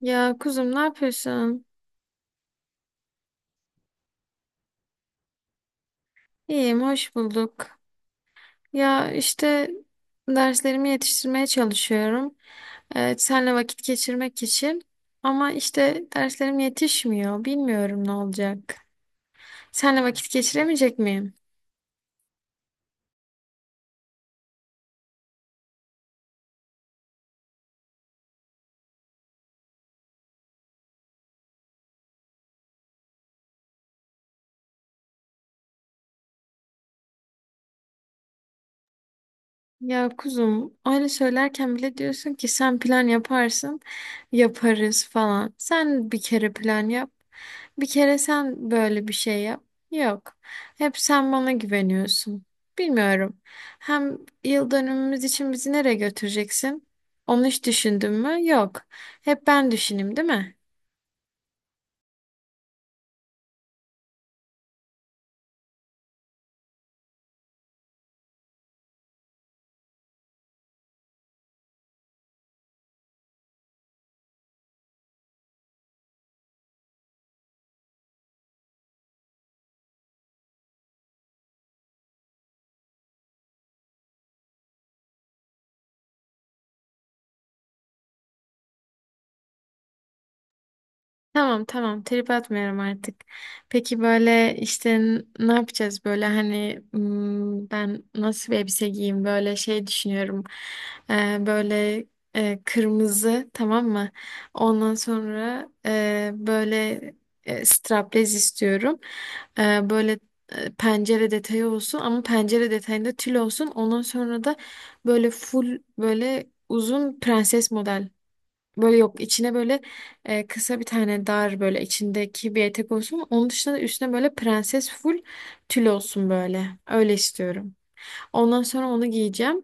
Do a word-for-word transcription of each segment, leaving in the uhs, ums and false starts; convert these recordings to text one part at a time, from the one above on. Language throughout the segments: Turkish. Ya kuzum ne yapıyorsun? İyiyim, hoş bulduk. Ya işte derslerimi yetiştirmeye çalışıyorum. Evet, senle vakit geçirmek için. Ama işte derslerim yetişmiyor. Bilmiyorum ne olacak. Senle vakit geçiremeyecek miyim? Ya kuzum öyle söylerken bile diyorsun ki sen plan yaparsın yaparız falan. Sen bir kere plan yap. Bir kere sen böyle bir şey yap. Yok. Hep sen bana güveniyorsun. Bilmiyorum. Hem yıl dönümümüz için bizi nereye götüreceksin? Onu hiç düşündün mü? Yok. Hep ben düşüneyim, değil mi? Tamam tamam, trip atmıyorum artık. Peki böyle işte n- ne yapacağız böyle hani hmm, ben nasıl bir elbise giyeyim böyle şey düşünüyorum. Ee, böyle e, kırmızı, tamam mı? Ondan sonra e, böyle e, straplez istiyorum. Ee, böyle e, pencere detayı olsun, ama pencere detayında tül olsun. Ondan sonra da böyle full, böyle uzun prenses model. Böyle, yok, içine böyle e, kısa bir tane dar, böyle içindeki bir etek olsun. Onun dışında da üstüne böyle prenses full tül olsun böyle. Öyle istiyorum. Ondan sonra onu giyeceğim.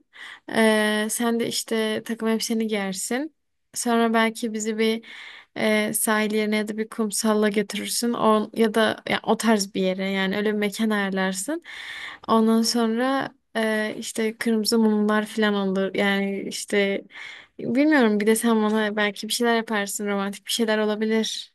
Ee, sen de işte takım elbiseni giyersin. Sonra belki bizi bir e, sahil yerine ya da bir kumsalla götürürsün. O, ya da ya, o tarz bir yere, yani öyle bir mekan ayarlarsın. Ondan sonra e, işte kırmızı mumlar falan olur. Yani işte bilmiyorum, bir de sen bana belki bir şeyler yaparsın. Romantik bir şeyler olabilir.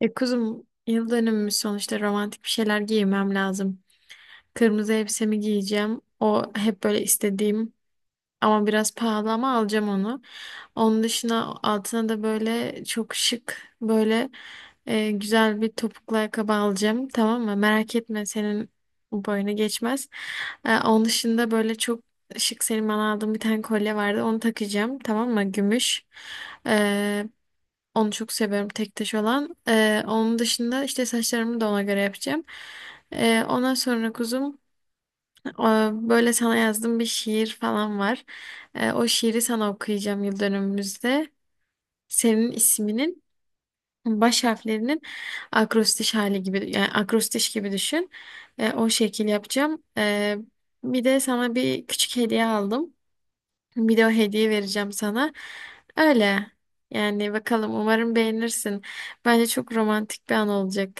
E kuzum, yıl dönümümüz sonuçta, romantik bir şeyler giymem lazım. Kırmızı elbisemi giyeceğim. O hep böyle istediğim, ama biraz pahalı, ama alacağım onu. Onun dışında altına da böyle çok şık, böyle e, güzel bir topuklu ayakkabı alacağım. Tamam mı? Merak etme, senin boyuna geçmez. E, onun dışında böyle çok şık, senin bana aldığın bir tane kolye vardı. Onu takacağım. Tamam mı? Gümüş. E, onu çok seviyorum, tek taş olan. E, onun dışında işte saçlarımı da ona göre yapacağım. E, ondan sonra kuzum, ee, böyle sana yazdığım bir şiir falan var. Ee, O şiiri sana okuyacağım yıl dönümümüzde. Senin isminin baş harflerinin akrostiş hali gibi, yani akrostiş gibi düşün. Ee, O şekil yapacağım. Ee, Bir de sana bir küçük hediye aldım. Bir de o hediye vereceğim sana. Öyle. Yani bakalım, umarım beğenirsin. Bence çok romantik bir an olacak.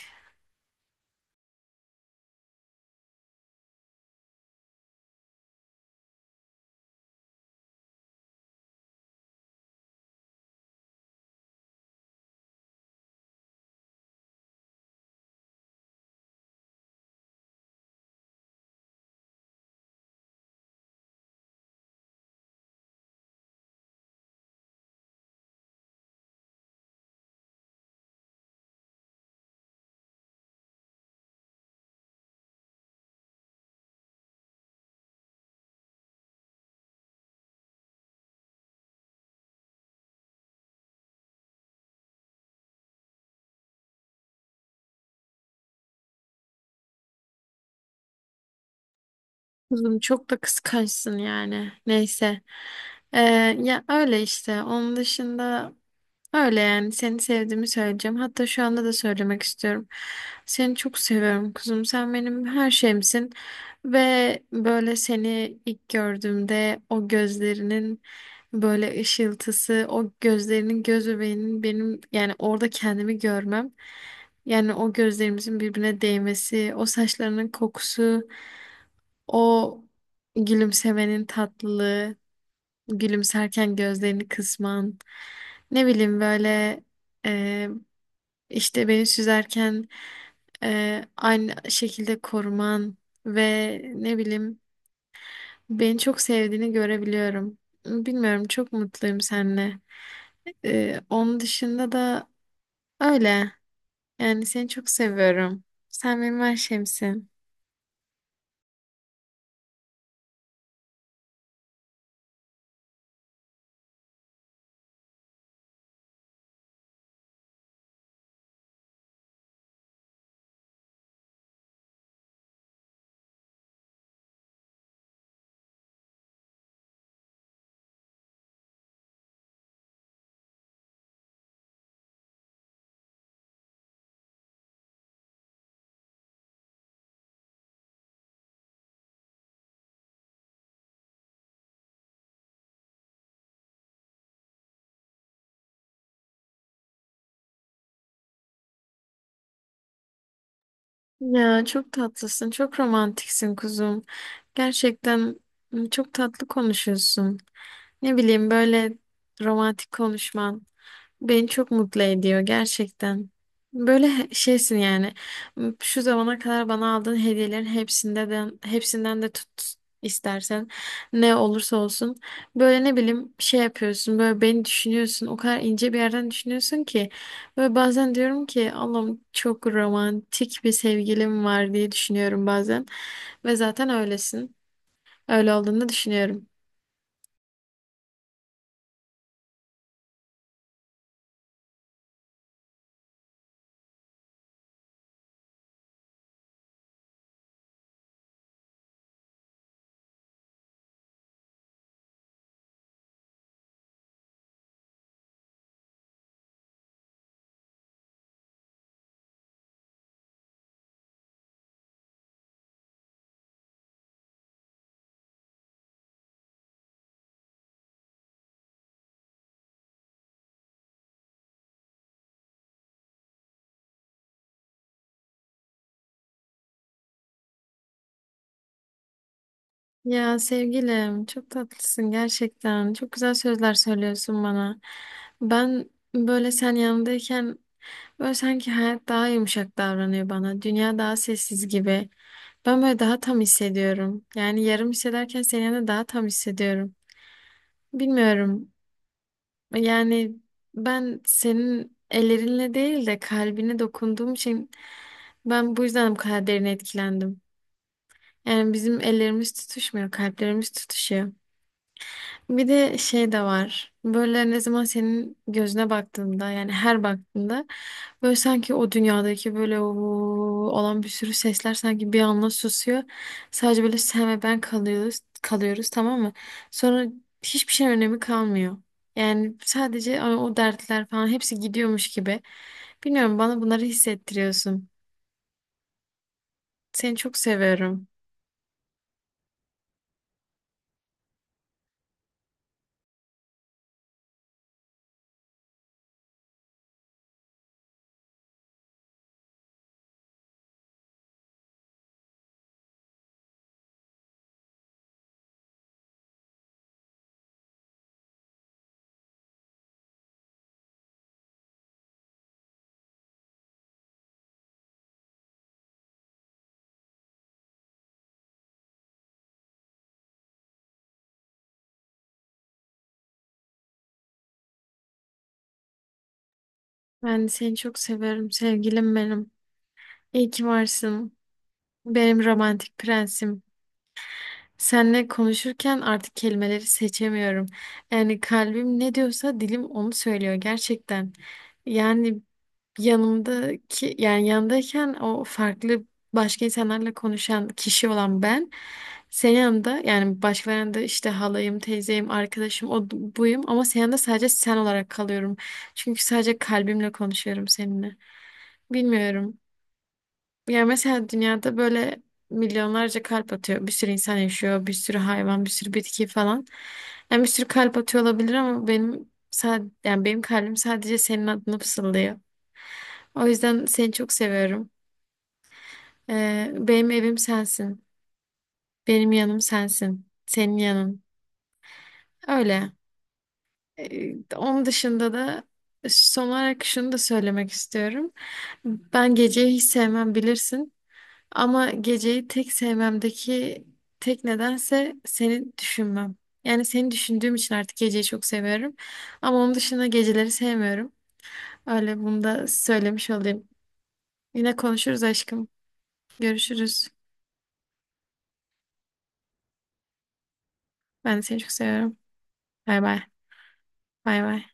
Kızım, çok da kıskançsın yani. Neyse. Ee, Ya öyle işte. Onun dışında öyle yani. Seni sevdiğimi söyleyeceğim. Hatta şu anda da söylemek istiyorum. Seni çok seviyorum kuzum. Sen benim her şeyimsin. Ve böyle, seni ilk gördüğümde, o gözlerinin böyle ışıltısı, o gözlerinin göz bebeğinin, benim yani orada kendimi görmem. Yani o gözlerimizin birbirine değmesi, o saçlarının kokusu. O gülümsemenin tatlılığı, gülümserken gözlerini kısman, ne bileyim böyle e, işte beni süzerken e, aynı şekilde koruman, ve ne bileyim, beni çok sevdiğini görebiliyorum. Bilmiyorum, çok mutluyum seninle. E, onun dışında da öyle. Yani seni çok seviyorum. Sen benim her şeyimsin. Ya çok tatlısın, çok romantiksin kuzum. Gerçekten m, çok tatlı konuşuyorsun. Ne bileyim, böyle romantik konuşman. Beni çok mutlu ediyor gerçekten. Böyle he- şeysin yani. M- Şu zamana kadar bana aldığın hediyelerin hepsinde de, hepsinden de tut, istersen, ne olursa olsun böyle, ne bileyim, şey yapıyorsun, böyle beni düşünüyorsun, o kadar ince bir yerden düşünüyorsun ki böyle bazen diyorum ki Allah'ım, çok romantik bir sevgilim var diye düşünüyorum bazen, ve zaten öylesin, öyle olduğunu düşünüyorum. Ya sevgilim, çok tatlısın gerçekten. Çok güzel sözler söylüyorsun bana. Ben böyle, sen yanındayken böyle, sanki hayat daha yumuşak davranıyor bana. Dünya daha sessiz gibi. Ben böyle daha tam hissediyorum. Yani yarım hissederken, senin yanında daha tam hissediyorum. Bilmiyorum. Yani ben senin ellerinle değil de kalbine dokunduğum için, ben bu yüzden bu kadar derin etkilendim. Yani bizim ellerimiz tutuşmuyor, kalplerimiz tutuşuyor. Bir de şey de var. Böyle ne zaman senin gözüne baktığında yani her baktığında böyle, sanki o dünyadaki böyle o olan bir sürü sesler sanki bir anda susuyor. Sadece böyle sen ve ben kalıyoruz, kalıyoruz, tamam mı? Sonra hiçbir şey önemi kalmıyor. Yani sadece o o dertler falan, hepsi gidiyormuş gibi. Bilmiyorum, bana bunları hissettiriyorsun. Seni çok seviyorum. Ben de seni çok seviyorum sevgilim benim. İyi ki varsın. Benim romantik prensim. Seninle konuşurken artık kelimeleri seçemiyorum. Yani kalbim ne diyorsa dilim onu söylüyor gerçekten. Yani yanımdaki, yani yanındayken o farklı, başka insanlarla konuşan kişi olan ben, senin yanında, yani başkalarının yanında işte halayım, teyzeyim, arkadaşım, o buyum, ama senin yanında sadece sen olarak kalıyorum. Çünkü sadece kalbimle konuşuyorum seninle. Bilmiyorum. Ya mesela dünyada böyle milyonlarca kalp atıyor. Bir sürü insan yaşıyor, bir sürü hayvan, bir sürü bitki falan. Yani bir sürü kalp atıyor olabilir, ama benim sadece, yani benim kalbim sadece senin adını fısıldıyor. O yüzden seni çok seviyorum. Ee, benim evim sensin. Benim yanım sensin. Senin yanın. Öyle. Ee, onun dışında da son olarak şunu da söylemek istiyorum. Ben geceyi hiç sevmem, bilirsin. Ama geceyi tek sevmemdeki tek nedense seni düşünmem. Yani seni düşündüğüm için artık geceyi çok seviyorum. Ama onun dışında geceleri sevmiyorum. Öyle, bunu da söylemiş olayım. Yine konuşuruz aşkım. Görüşürüz. Ben de seni çok seviyorum. Bay bay. Bay bay.